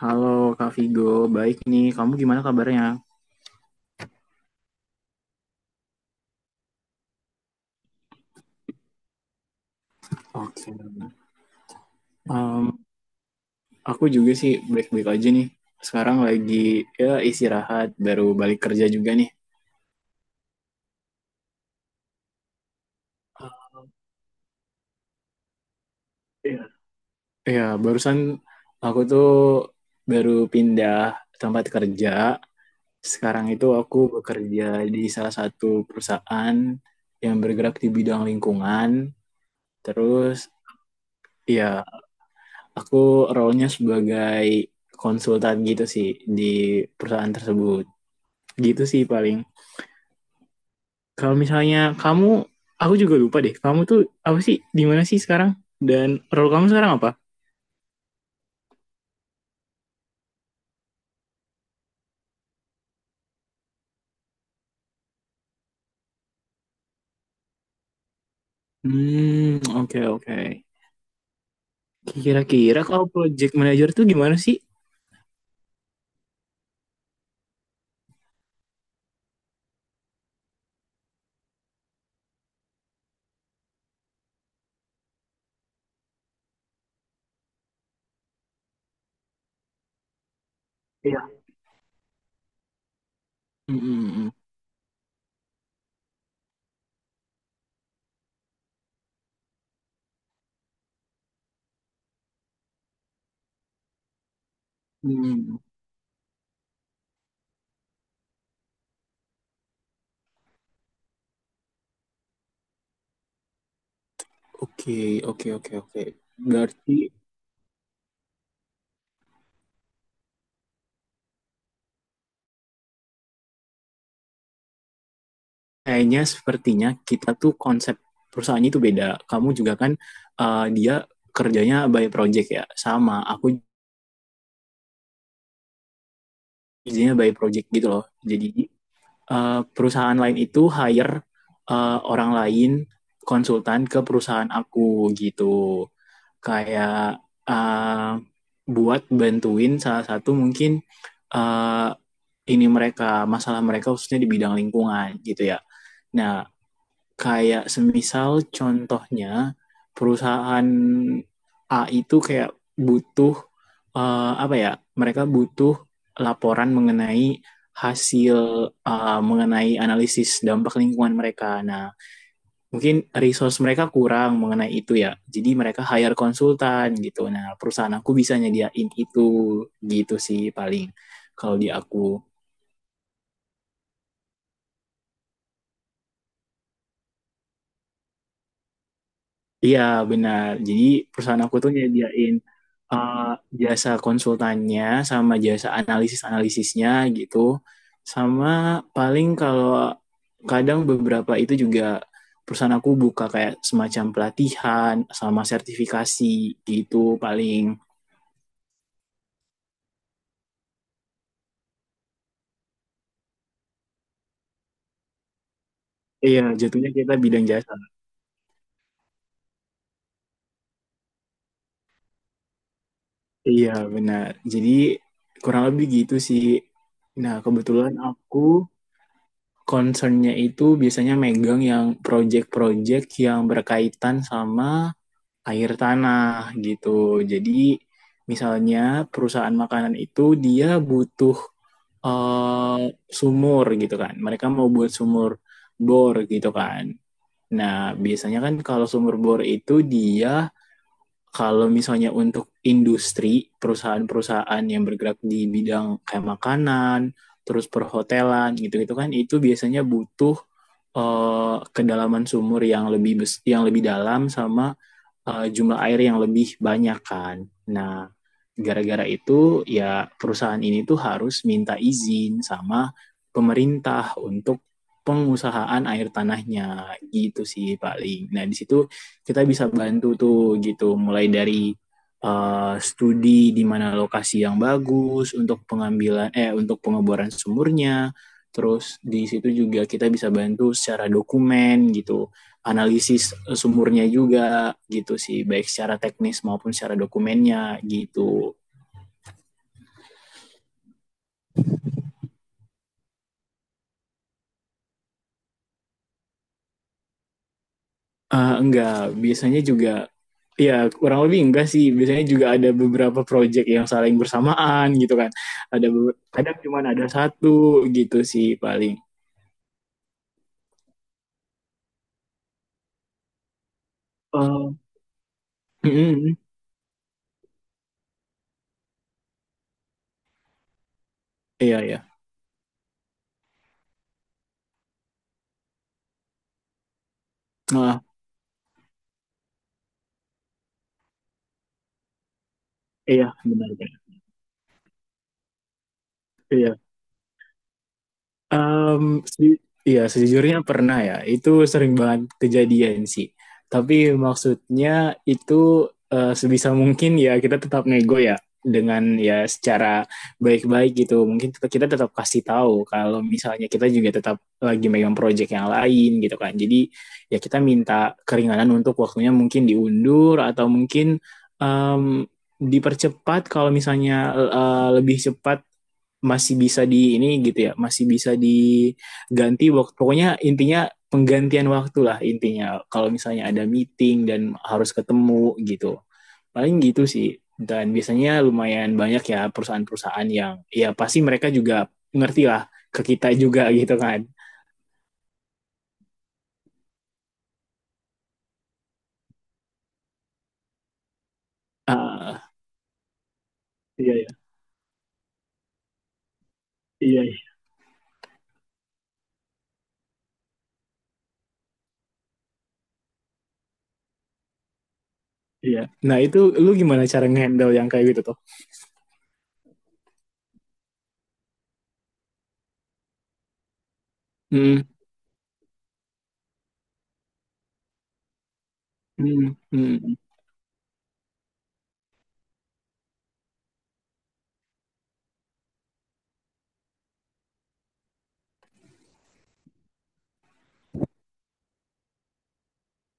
Halo Kak Vigo, baik nih. Kamu gimana kabarnya? Oke. Em, aku juga sih baik-baik aja nih. Sekarang lagi ya istirahat, baru balik kerja juga nih. Iya. Ya, barusan aku tuh baru pindah tempat kerja. Sekarang itu aku bekerja di salah satu perusahaan yang bergerak di bidang lingkungan. Terus, ya, aku role-nya sebagai konsultan gitu sih di perusahaan tersebut. Gitu sih paling. Kalau misalnya kamu, aku juga lupa deh, kamu tuh apa sih, di mana sih sekarang, dan role kamu sekarang apa? Hmm, oke oke. Kira-kira kalau project manager tuh gimana sih? Iya. Hmm mm, mm. Hmm, oke oke oke oke, berarti kayaknya sepertinya kita tuh konsep perusahaannya itu beda. Kamu juga kan, eh, dia kerjanya by project ya, sama aku kerjanya by project gitu loh. Jadi, eh, perusahaan lain itu hire, eh, orang lain konsultan ke perusahaan aku gitu. Kayak, eh, buat bantuin salah satu mungkin, eh, ini mereka masalah mereka khususnya di bidang lingkungan gitu ya. Nah, kayak semisal contohnya perusahaan A itu kayak butuh, eh, apa ya? Mereka butuh laporan mengenai hasil, eh, mengenai analisis dampak lingkungan mereka. Nah, mungkin resource mereka kurang mengenai itu ya. Jadi mereka hire konsultan gitu. Nah, perusahaan aku bisa nyediain itu gitu sih paling kalau di aku. Iya, benar. Jadi perusahaan aku tuh nyediain, eh, jasa konsultannya sama jasa analisis-analisisnya gitu. Sama paling kalau kadang beberapa itu juga perusahaan aku buka kayak semacam pelatihan sama sertifikasi gitu paling. Iya, jatuhnya kita bidang jasa. Iya, benar. Jadi kurang lebih gitu sih. Nah, kebetulan aku concernnya itu biasanya megang yang project-project yang berkaitan sama air tanah gitu. Jadi misalnya perusahaan makanan itu dia butuh, eh, sumur gitu kan. Mereka mau buat sumur bor gitu kan. Nah, biasanya kan kalau sumur bor itu dia kalau misalnya untuk industri, perusahaan-perusahaan yang bergerak di bidang kayak makanan, terus perhotelan gitu-gitu kan itu biasanya butuh, eh, kedalaman sumur yang lebih dalam sama jumlah air yang lebih banyak kan. Nah, gara-gara itu ya perusahaan ini tuh harus minta izin sama pemerintah untuk pengusahaan air tanahnya gitu sih paling. Nah, di situ kita bisa bantu tuh gitu mulai dari studi di mana lokasi yang bagus untuk pengambilan eh untuk pengeboran sumurnya. Terus di situ juga kita bisa bantu secara dokumen gitu analisis, eh, sumurnya juga gitu sih baik secara teknis maupun secara dokumennya gitu. Eh, enggak, biasanya juga ya kurang lebih enggak sih, biasanya juga ada beberapa project yang saling bersamaan gitu kan, kadang cuma ada satu gitu sih paling. Eh, mm, mm, iya iya. Ah, iya benar benar, iya. Mmm, seju Iya, sejujurnya pernah ya, itu sering banget kejadian sih. Tapi maksudnya itu, sebisa mungkin ya kita tetap nego ya, dengan ya secara baik-baik gitu. Mungkin kita kita tetap kasih tahu kalau misalnya kita juga tetap lagi megang project yang lain gitu kan. Jadi, ya kita minta keringanan untuk waktunya mungkin diundur atau mungkin, mmm, dipercepat kalau misalnya, lebih cepat masih bisa di ini gitu ya, masih bisa diganti waktu. Pokoknya intinya penggantian waktu lah intinya. Kalau misalnya ada meeting dan harus ketemu gitu. Paling gitu sih. Dan biasanya lumayan banyak ya perusahaan-perusahaan yang ya pasti mereka juga ngerti lah ke kita juga gitu kan. Uh, iya, iya, iya, iya. Nah itu lu gimana cara ngehandle yang kayak gitu tuh? Hmm, hmm, hmm,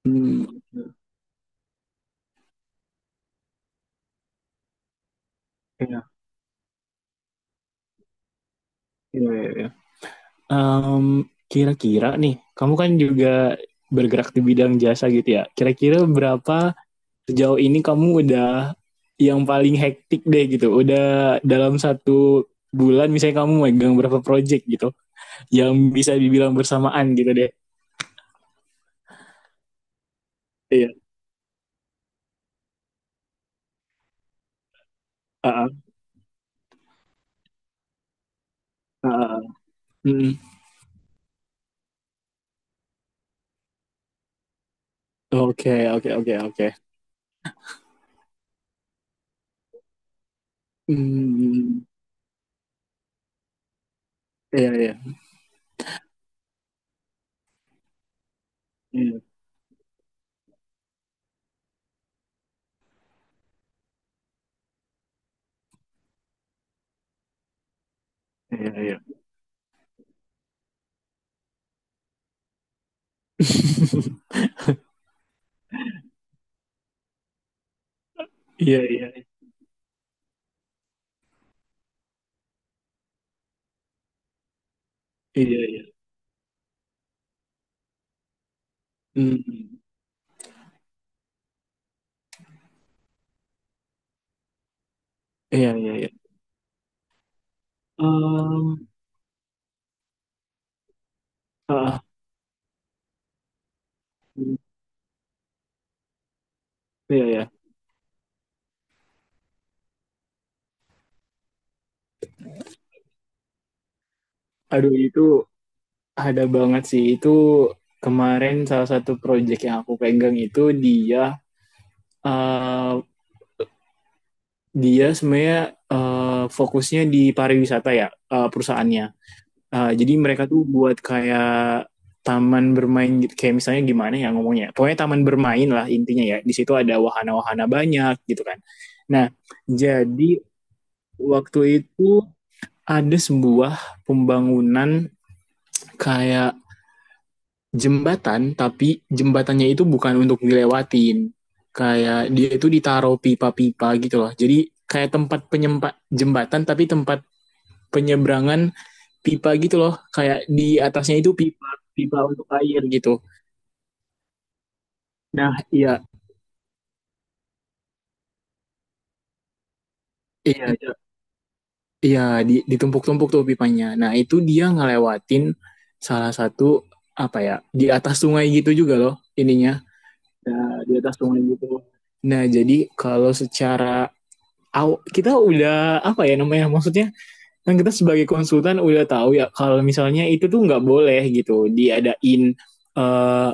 hmm. Iya, iya, iya, iya. Em, Kira-kira nih, kamu kan juga bergerak di bidang jasa gitu ya. Kira-kira berapa sejauh ini kamu udah yang paling hektik deh gitu. Udah dalam satu bulan misalnya kamu megang berapa project gitu yang bisa dibilang bersamaan gitu deh. Iya. Ah, ah, ah. Hmm. Oke, oke, oke, oke. Hmm. Iya, iya. Iya, iya, iya. Iya, iya, iya, iya. Hmm. Iya, iya, iya. Em, ah, iya ya. Aduh, itu ada banget sih. Itu kemarin salah satu project yang aku pegang itu eh, dia sebenarnya, eh, fokusnya di pariwisata ya, eh, perusahaannya. Eh, jadi mereka tuh buat kayak taman bermain gitu. Kayak misalnya gimana ya ngomongnya. Pokoknya taman bermain lah intinya ya. Di situ ada wahana-wahana banyak gitu kan. Nah, jadi waktu itu ada sebuah pembangunan kayak jembatan, tapi jembatannya itu bukan untuk dilewatin, kayak dia itu ditaruh pipa-pipa gitu loh. Jadi kayak tempat penyempat jembatan, tapi tempat penyeberangan pipa gitu loh, kayak di atasnya itu pipa pipa untuk air gitu. Nah iya, iya iya, iya. Di, ditumpuk-tumpuk tuh pipanya, nah itu dia ngelewatin salah satu apa ya, di atas sungai gitu juga loh, ininya. Nah, di atas sungai gitu. Nah jadi kalau secara kita udah apa ya namanya, maksudnya kan kita sebagai konsultan udah tahu ya kalau misalnya itu tuh nggak boleh gitu diadain, eh,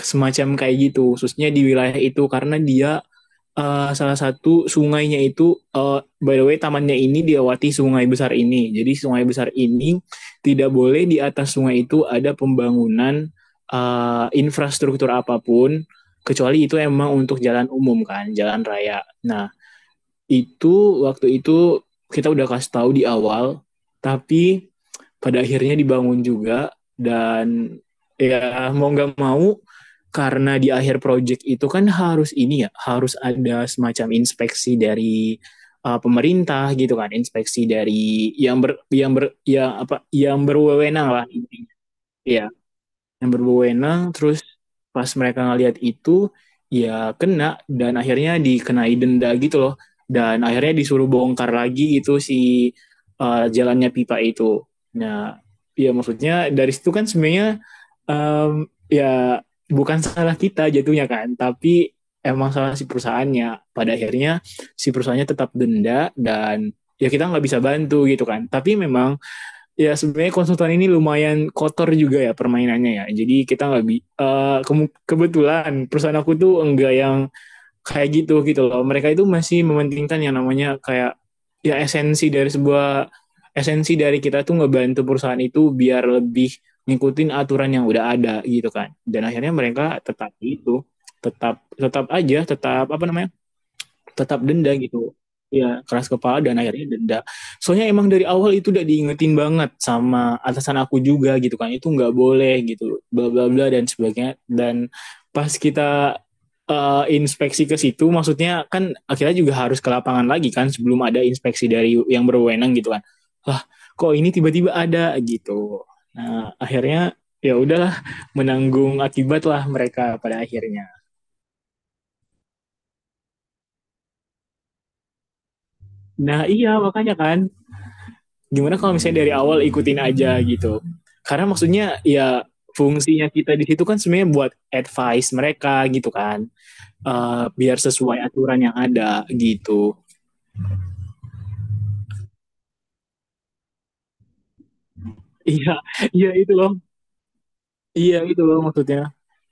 semacam kayak gitu khususnya di wilayah itu karena dia, eh, salah satu sungainya itu, eh, by the way tamannya ini diawati sungai besar ini, jadi sungai besar ini tidak boleh di atas sungai itu ada pembangunan, eh, infrastruktur apapun kecuali itu emang untuk jalan umum kan, jalan raya. Nah itu waktu itu kita udah kasih tahu di awal, tapi pada akhirnya dibangun juga. Dan ya mau nggak mau, karena di akhir project itu kan harus ini ya, harus ada semacam inspeksi dari, pemerintah gitu kan, inspeksi dari yang ber ya apa, yang berwenang lah intinya, ya yang berwenang. Terus pas mereka ngelihat itu, ya kena dan akhirnya dikenai denda gitu loh. Dan akhirnya disuruh bongkar lagi gitu si, jalannya pipa itu. Nah, ya maksudnya dari situ kan sebenarnya, um, ya bukan salah kita jatuhnya kan, tapi emang salah si perusahaannya. Pada akhirnya si perusahaannya tetap denda. Dan ya kita nggak bisa bantu gitu kan, tapi memang ya sebenarnya konsultan ini lumayan kotor juga ya permainannya ya. Jadi kita nggak bi, kebetulan perusahaan aku tuh enggak yang kayak gitu gitu loh. Mereka itu masih mementingkan yang namanya kayak ya esensi dari sebuah esensi dari kita tuh ngebantu perusahaan itu biar lebih ngikutin aturan yang udah ada gitu kan. Dan akhirnya mereka tetap itu tetap tetap aja, tetap apa namanya, tetap denda gitu. Ya, keras kepala dan akhirnya denda. Soalnya emang dari awal itu udah diingetin banget sama atasan aku juga gitu kan. Itu nggak boleh gitu, bla bla bla dan sebagainya. Dan pas kita, eh, inspeksi ke situ, maksudnya kan akhirnya juga harus ke lapangan lagi kan sebelum ada inspeksi dari yang berwenang gitu kan. Lah, kok ini tiba-tiba ada gitu. Nah, akhirnya ya udahlah, menanggung akibat lah mereka pada akhirnya. Nah, iya makanya kan, gimana kalau misalnya dari awal ikutin aja gitu, karena maksudnya ya fungsinya kita di situ kan sebenarnya buat advice mereka gitu kan. Eh, biar sesuai aturan yang ada gitu. Iya, iya itu loh. Iya itu loh, maksudnya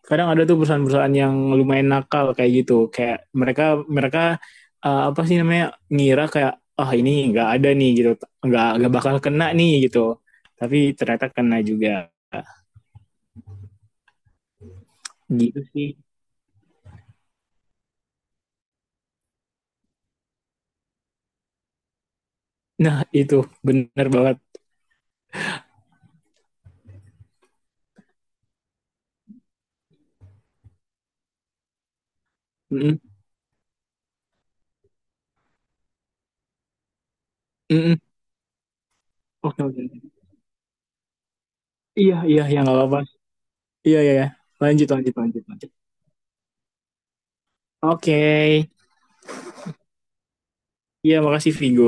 kadang ada tuh perusahaan-perusahaan yang lumayan nakal kayak gitu, kayak mereka mereka, eh, apa sih namanya, ngira kayak, ah oh, ini nggak ada nih gitu, nggak bakal kena nih gitu, tapi ternyata kena juga gitu sih. Nah itu, benar banget. Mm-mm, mm-mm. Oke, oke, oke. Iya, iya, ya nggak apa-apa. Iya, iya, iya. Lanjut, lanjut, lanjut, lanjut. Oke. Iya, makasih Vigo.